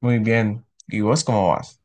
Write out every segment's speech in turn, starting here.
Muy bien. ¿Y vos cómo vas?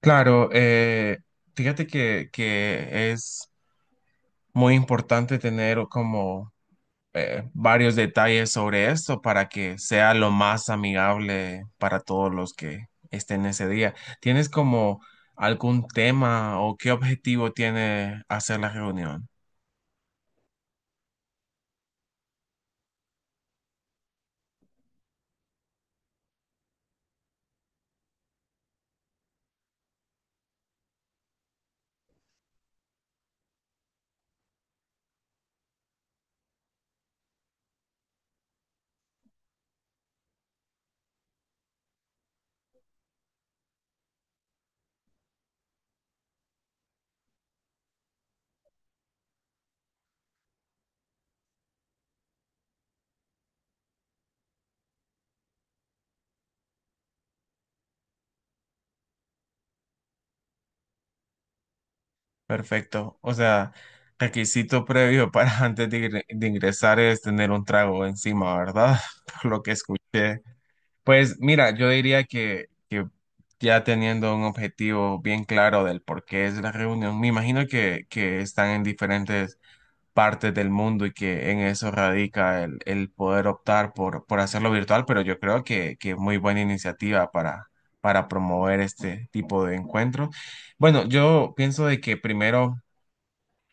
Claro, fíjate que es muy importante tener como varios detalles sobre esto para que sea lo más amigable para todos los que estén ese día. ¿Tienes como algún tema o qué objetivo tiene hacer la reunión? Perfecto. O sea, requisito previo para antes de ingresar es tener un trago encima, ¿verdad? Por lo que escuché. Pues mira, yo diría que ya teniendo un objetivo bien claro del por qué es la reunión, me imagino que están en diferentes partes del mundo y que en eso radica el poder optar por hacerlo virtual, pero yo creo que muy buena iniciativa para promover este tipo de encuentros. Bueno, yo pienso de que primero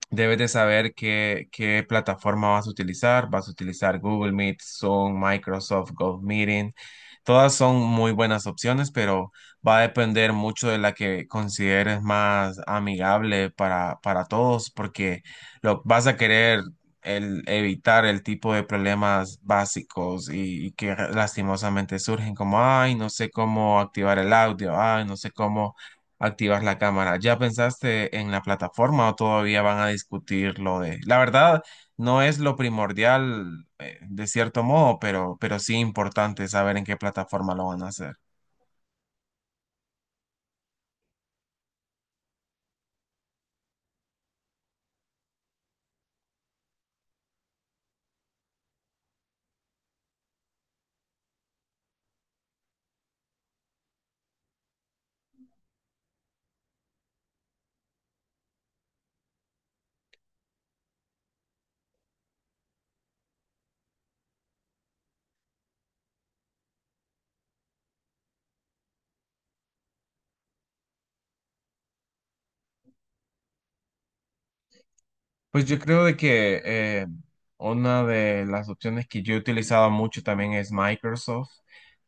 debes de saber qué plataforma vas a utilizar. Vas a utilizar Google Meet, Zoom, Microsoft Meeting. Todas son muy buenas opciones, pero va a depender mucho de la que consideres más amigable para todos, porque vas a querer evitar el tipo de problemas básicos y que lastimosamente surgen, como, ay, no sé cómo activar el audio, ay, no sé cómo activar la cámara. ¿Ya pensaste en la plataforma o todavía van a discutir lo de... La verdad, no es lo primordial, de cierto modo, pero sí importante saber en qué plataforma lo van a hacer. Pues yo creo de que una de las opciones que yo he utilizado mucho también es Microsoft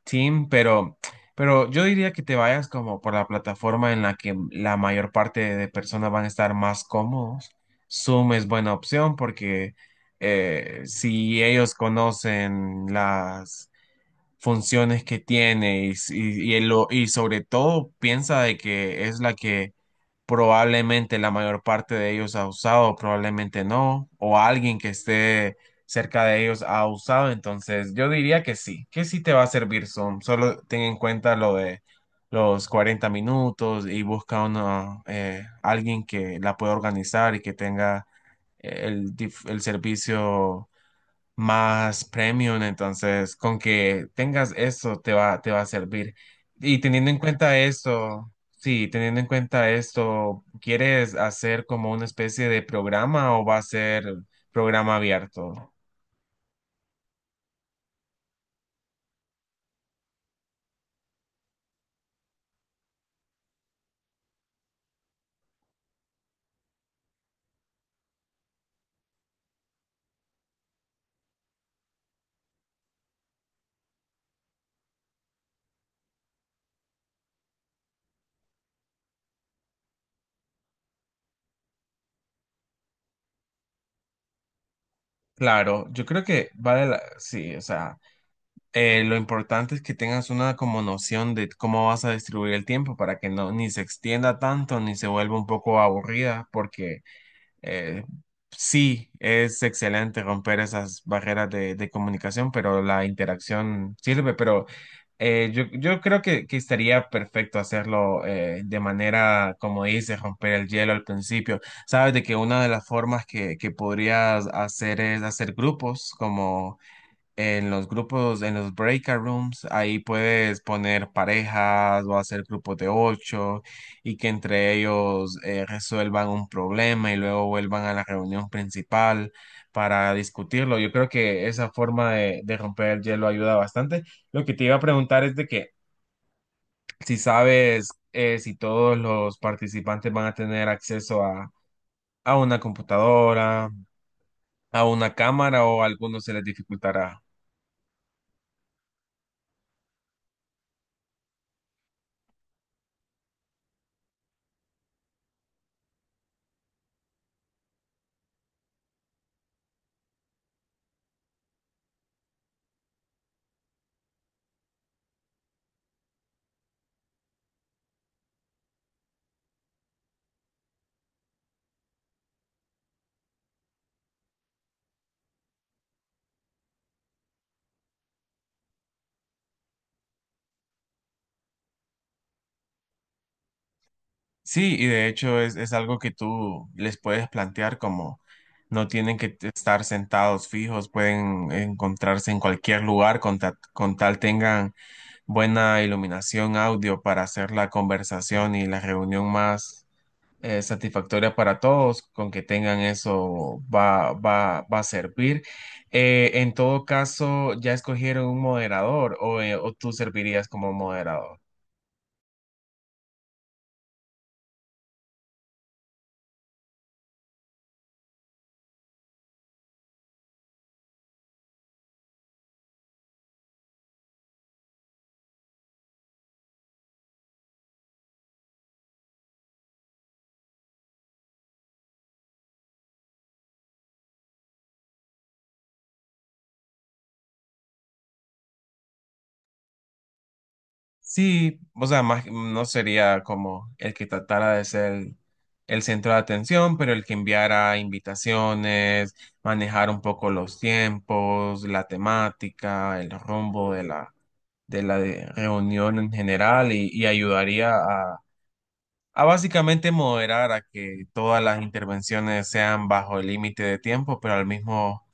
Team, pero yo diría que te vayas como por la plataforma en la que la mayor parte de personas van a estar más cómodos. Zoom es buena opción porque si ellos conocen las funciones que tiene y y sobre todo piensa de que es la que probablemente la mayor parte de ellos ha usado, probablemente no, o alguien que esté cerca de ellos ha usado, entonces yo diría que sí te va a servir Zoom, solo ten en cuenta lo de los 40 minutos y busca una, alguien que la pueda organizar y que tenga el servicio más premium, entonces con que tengas eso te va a servir. Y teniendo en cuenta esto, sí, teniendo en cuenta esto, ¿quieres hacer como una especie de programa o va a ser programa abierto? Claro, yo creo que sí, o sea, lo importante es que tengas una como noción de cómo vas a distribuir el tiempo para que no ni se extienda tanto ni se vuelva un poco aburrida, porque Eh, sí, es excelente romper esas barreras de comunicación, pero la interacción sirve, pero yo creo que estaría perfecto hacerlo de manera, como dices, romper el hielo al principio. Sabes de que una de las formas que podrías hacer es hacer grupos, como en los grupos, en los breakout rooms, ahí puedes poner parejas o hacer grupos de ocho y que entre ellos resuelvan un problema y luego vuelvan a la reunión principal para discutirlo. Yo creo que esa forma de romper el hielo ayuda bastante. Lo que te iba a preguntar es de que si sabes si todos los participantes van a tener acceso a una computadora, a una cámara o a algunos se les dificultará. Sí, y de hecho es algo que tú les puedes plantear como no tienen que estar sentados fijos, pueden encontrarse en cualquier lugar con, con tal tengan buena iluminación audio para hacer la conversación y la reunión más satisfactoria para todos, con que tengan eso va a servir. En todo caso, ¿ya escogieron un moderador o tú servirías como moderador? Sí, o sea, más, no sería como el que tratara de ser el centro de atención, pero el que enviara invitaciones, manejar un poco los tiempos, la temática, el rumbo de la reunión en general y ayudaría a básicamente moderar a que todas las intervenciones sean bajo el límite de tiempo, pero al mismo,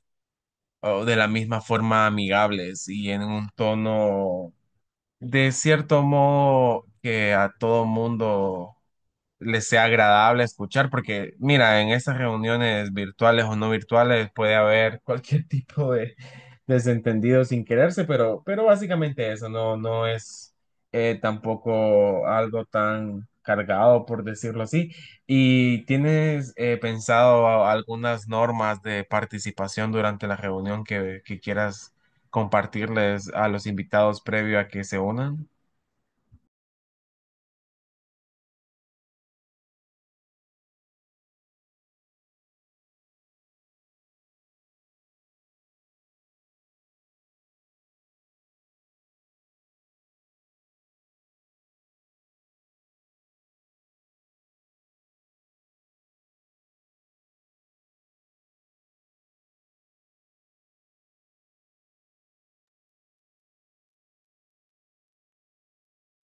o de la misma forma amigables y en un tono de cierto modo que a todo mundo les sea agradable escuchar, porque mira, en estas reuniones virtuales o no virtuales puede haber cualquier tipo de desentendido sin quererse, pero básicamente eso no es tampoco algo tan cargado, por decirlo así. ¿Y tienes pensado algunas normas de participación durante la reunión que quieras compartirles a los invitados previo a que se unan?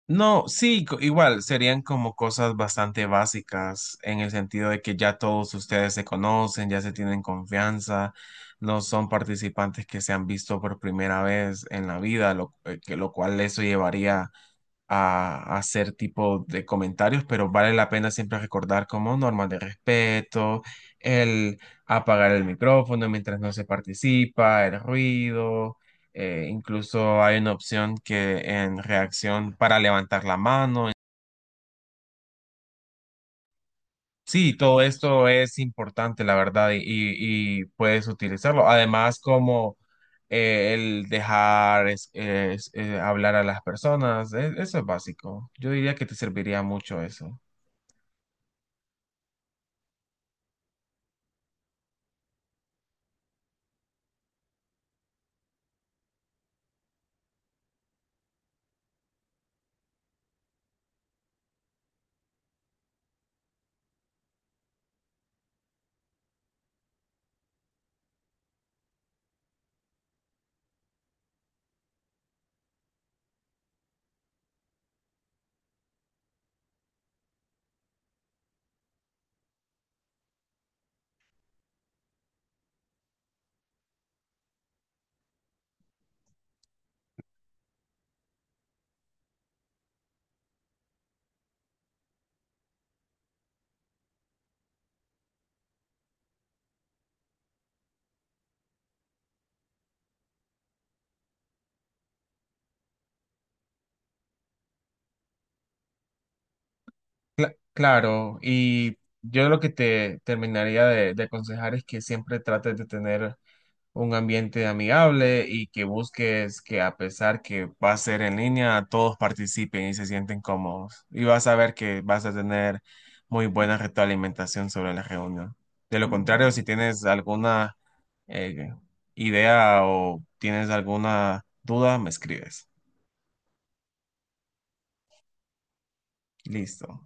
No, sí, igual serían como cosas bastante básicas en el sentido de que ya todos ustedes se conocen, ya se tienen confianza, no son participantes que se han visto por primera vez en la vida, lo cual eso llevaría a hacer tipo de comentarios, pero vale la pena siempre recordar como normas de respeto, el apagar el micrófono mientras no se participa, el ruido, incluso hay una opción que en reacción para levantar la mano. Sí, todo esto es importante, la verdad, y puedes utilizarlo. Además, como el dejar hablar a las personas, eso es básico. Yo diría que te serviría mucho eso. Claro, y yo lo que te terminaría de aconsejar es que siempre trates de tener un ambiente amigable y que busques que a pesar que va a ser en línea, todos participen y se sienten cómodos. Y vas a ver que vas a tener muy buena retroalimentación sobre la reunión. De lo contrario, si tienes alguna eh, idea o tienes alguna duda, me escribes. Listo.